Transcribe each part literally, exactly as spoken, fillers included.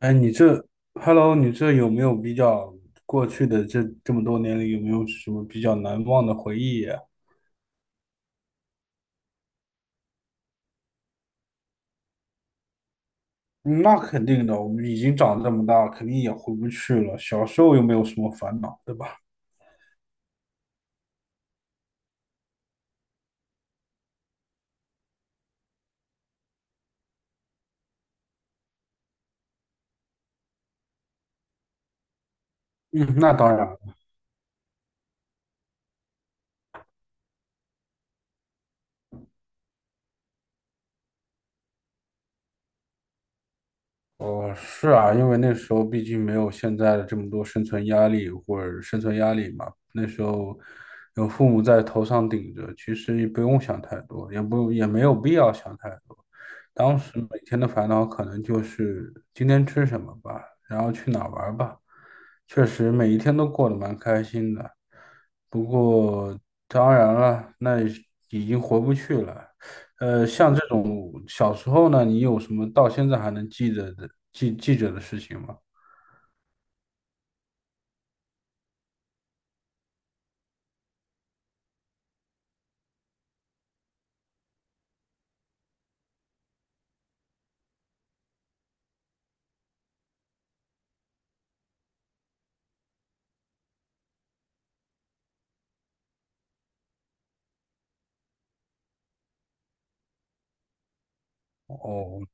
哎，你这，Hello，你这有没有比较过去的这这么多年里，有没有什么比较难忘的回忆呀？嗯，那肯定的，我们已经长这么大，肯定也回不去了。小时候又没有什么烦恼，对吧？嗯，那当然。哦，是啊，因为那时候毕竟没有现在的这么多生存压力或者生存压力嘛，那时候有父母在头上顶着，其实也不用想太多，也不也没有必要想太多。当时每天的烦恼可能就是今天吃什么吧，然后去哪儿玩儿吧。确实每一天都过得蛮开心的，不过当然了，那已经回不去了。呃，像这种小时候呢，你有什么到现在还能记得的记记着的事情吗？哦，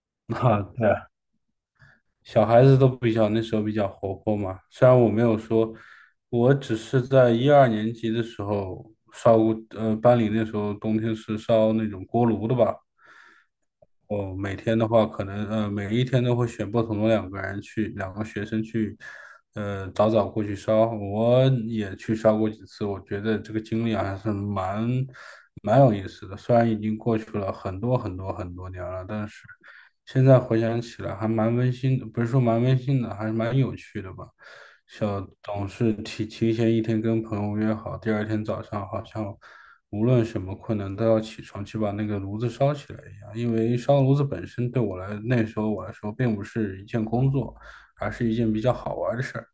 那对啊。 小孩子都比较那时候比较活泼嘛。虽然我没有说，我只是在一二年级的时候烧过，呃，班里那时候冬天是烧那种锅炉的吧，我每天的话，可能呃每一天都会选不同的两个人去，两个学生去，呃早早过去烧，我也去烧过几次，我觉得这个经历还是蛮蛮有意思的。虽然已经过去了很多很多很多年了，但是现在回想起来还蛮温馨的，不是说蛮温馨的，还是蛮有趣的吧。小总是提提前一天跟朋友约好，第二天早上好像无论什么困难都要起床去把那个炉子烧起来一样。因为烧炉子本身对我来那时候我来说并不是一件工作，而是一件比较好玩的事儿。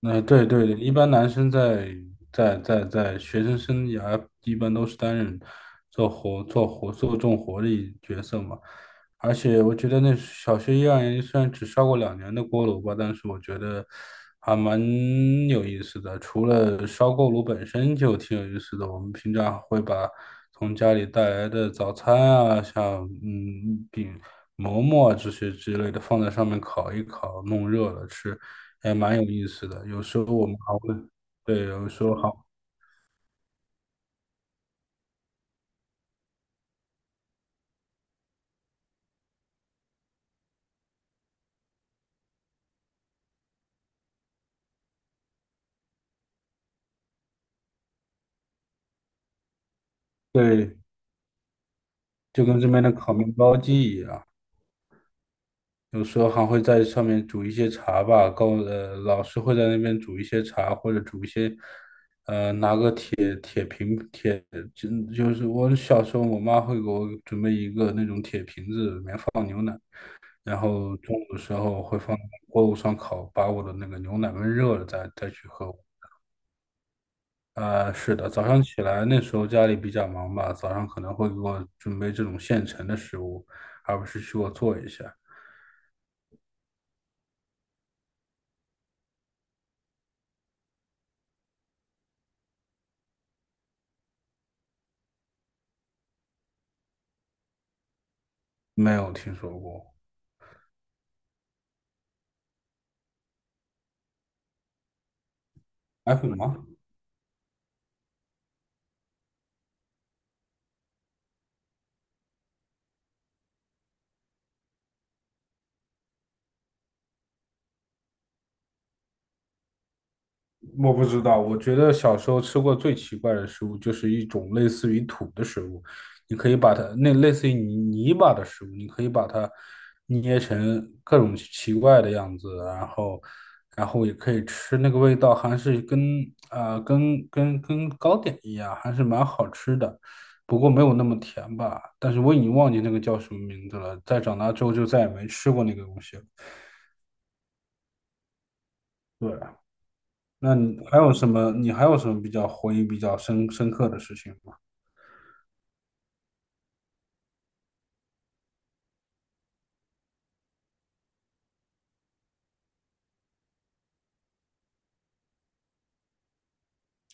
那对对对，一般男生在在在在学生生涯一般都是担任做活做活做重活的角色嘛。而且我觉得那小学一二年级虽然只烧过两年的锅炉吧，但是我觉得还蛮有意思的。除了烧锅炉本身就挺有意思的，我们平常会把从家里带来的早餐啊，像嗯饼、馍馍啊这些之类的放在上面烤一烤，弄热了吃，也蛮有意思的。有时候我们还会，对，有时候好，对，就跟这边的烤面包机一样。有时候还会在上面煮一些茶吧，高呃，老师会在那边煮一些茶，或者煮一些，呃就就是我小时候，我妈会给我准备一个那种铁瓶子，里面放牛奶，然后中午的时候会放锅炉上烤，把我的那个牛奶焖热了再再去喝。啊、是的，早上起来那时候家里比较忙吧，早上可能会给我准备这种现成的食物，而不是去给我做一下。没有听说过，还会吗？我不知道，我觉得小时候吃过最奇怪的食物就是一种类似于土的食物，你可以把它那类似于泥泥巴的食物，你可以把它捏成各种奇怪的样子，然后然后也可以吃，那个味道还是跟啊、呃跟跟跟糕点一样，还是蛮好吃的，不过没有那么甜吧。但是我已经忘记那个叫什么名字了，在长大之后就再也没吃过那个东西了。对。那你还有什么？你还有什么比较回忆比较深深刻的事情吗？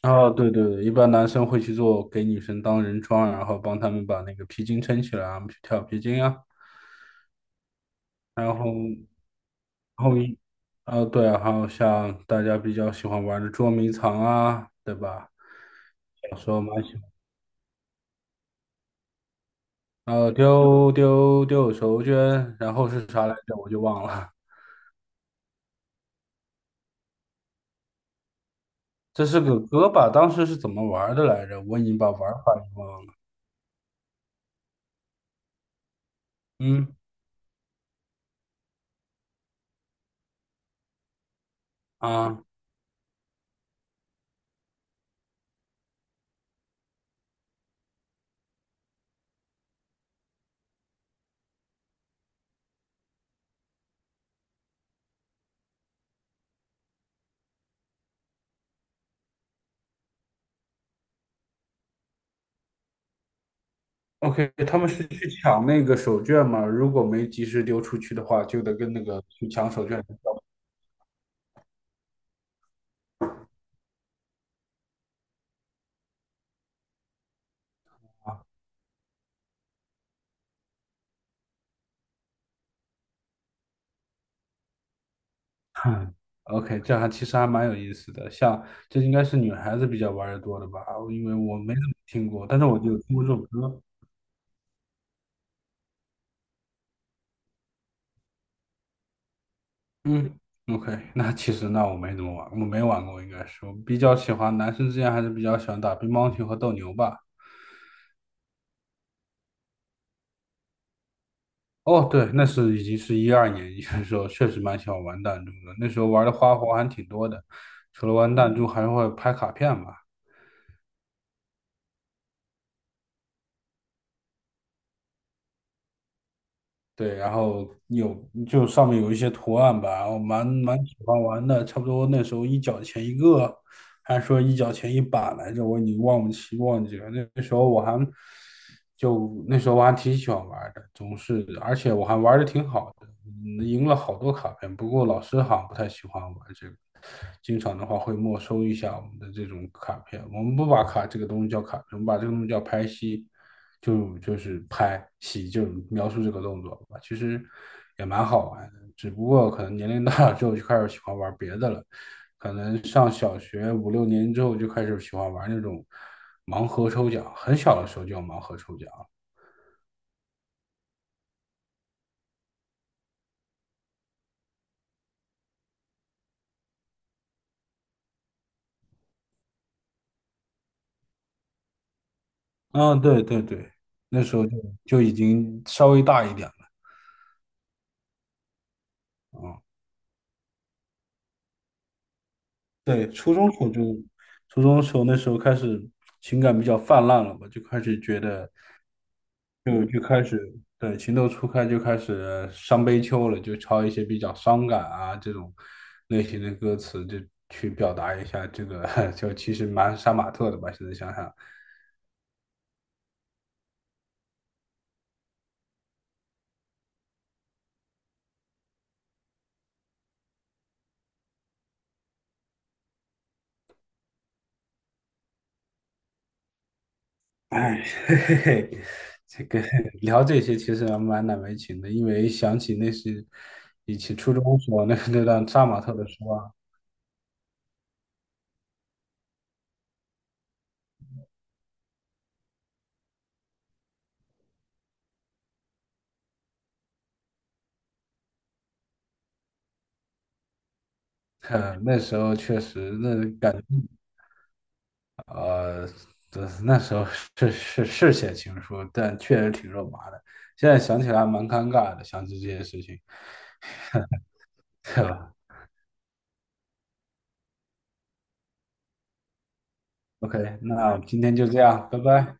啊，对对对，一般男生会去做给女生当人桩，然后帮他们把那个皮筋撑起来啊，我们去跳皮筋啊。然后，然后一，啊，对啊，还有像大家比较喜欢玩的捉迷藏啊，对吧？小时候蛮喜欢，呃，丢丢丢手绢，然后是啥来着？我就忘了。这是个歌吧？当时是怎么玩的来着？我已经把玩法给忘了。嗯啊。OK，他们是去抢那个手绢嘛？如果没及时丢出去的话，就得跟那个去抢手绢的叫 OK，这还其实还蛮有意思的。像这应该是女孩子比较玩的多的吧？因为我没怎么听过，但是我就听过这首歌。嗯，OK，那其实那我没怎么玩，我没玩过，应该是我比较喜欢男生之间还是比较喜欢打乒乓球和斗牛吧。哦，对，那是已经是一二年，的时候确实蛮喜欢玩弹珠的。那时候玩的花活还挺多的，除了玩弹珠，还会拍卡片嘛。对，然后有就上面有一些图案吧，我蛮蛮喜欢玩的，差不多那时候一角钱一个，还说一角钱一把来着，我已经忘不清忘记了。那那时候我还就那时候我还挺喜欢玩的，总是而且我还玩的挺好的，嗯赢了好多卡片。不过老师好像不太喜欢玩这个，经常的话会没收一下我们的这种卡片。我们不把卡这个东西叫卡片，我们把这个东西叫拍戏。就就是拍戏，就是描述这个动作吧，其实也蛮好玩的，只不过可能年龄大了之后就开始喜欢玩别的了，可能上小学五六年之后就开始喜欢玩那种盲盒抽奖，很小的时候就有盲盒抽奖。嗯，对对对，那时候就就已经稍微大一点了啊。对，初中时候就，初中时候那时候开始情感比较泛滥了嘛，就开始觉得就就开始对情窦初开，就开始伤悲秋了，就抄一些比较伤感啊这种类型的歌词，就去表达一下这个，就其实蛮杀马特的吧，现在想想。哎，嘿嘿嘿，这个聊这些其实还蛮难为情的，因为想起那是以前初中时候那那段杀马特的书啊，呃那时候确实那感觉呃，对那时候是是是写情书，但确实挺肉麻的。现在想起来还蛮尴尬的，想起这些事情，对吧？OK，那今天就这样，拜拜。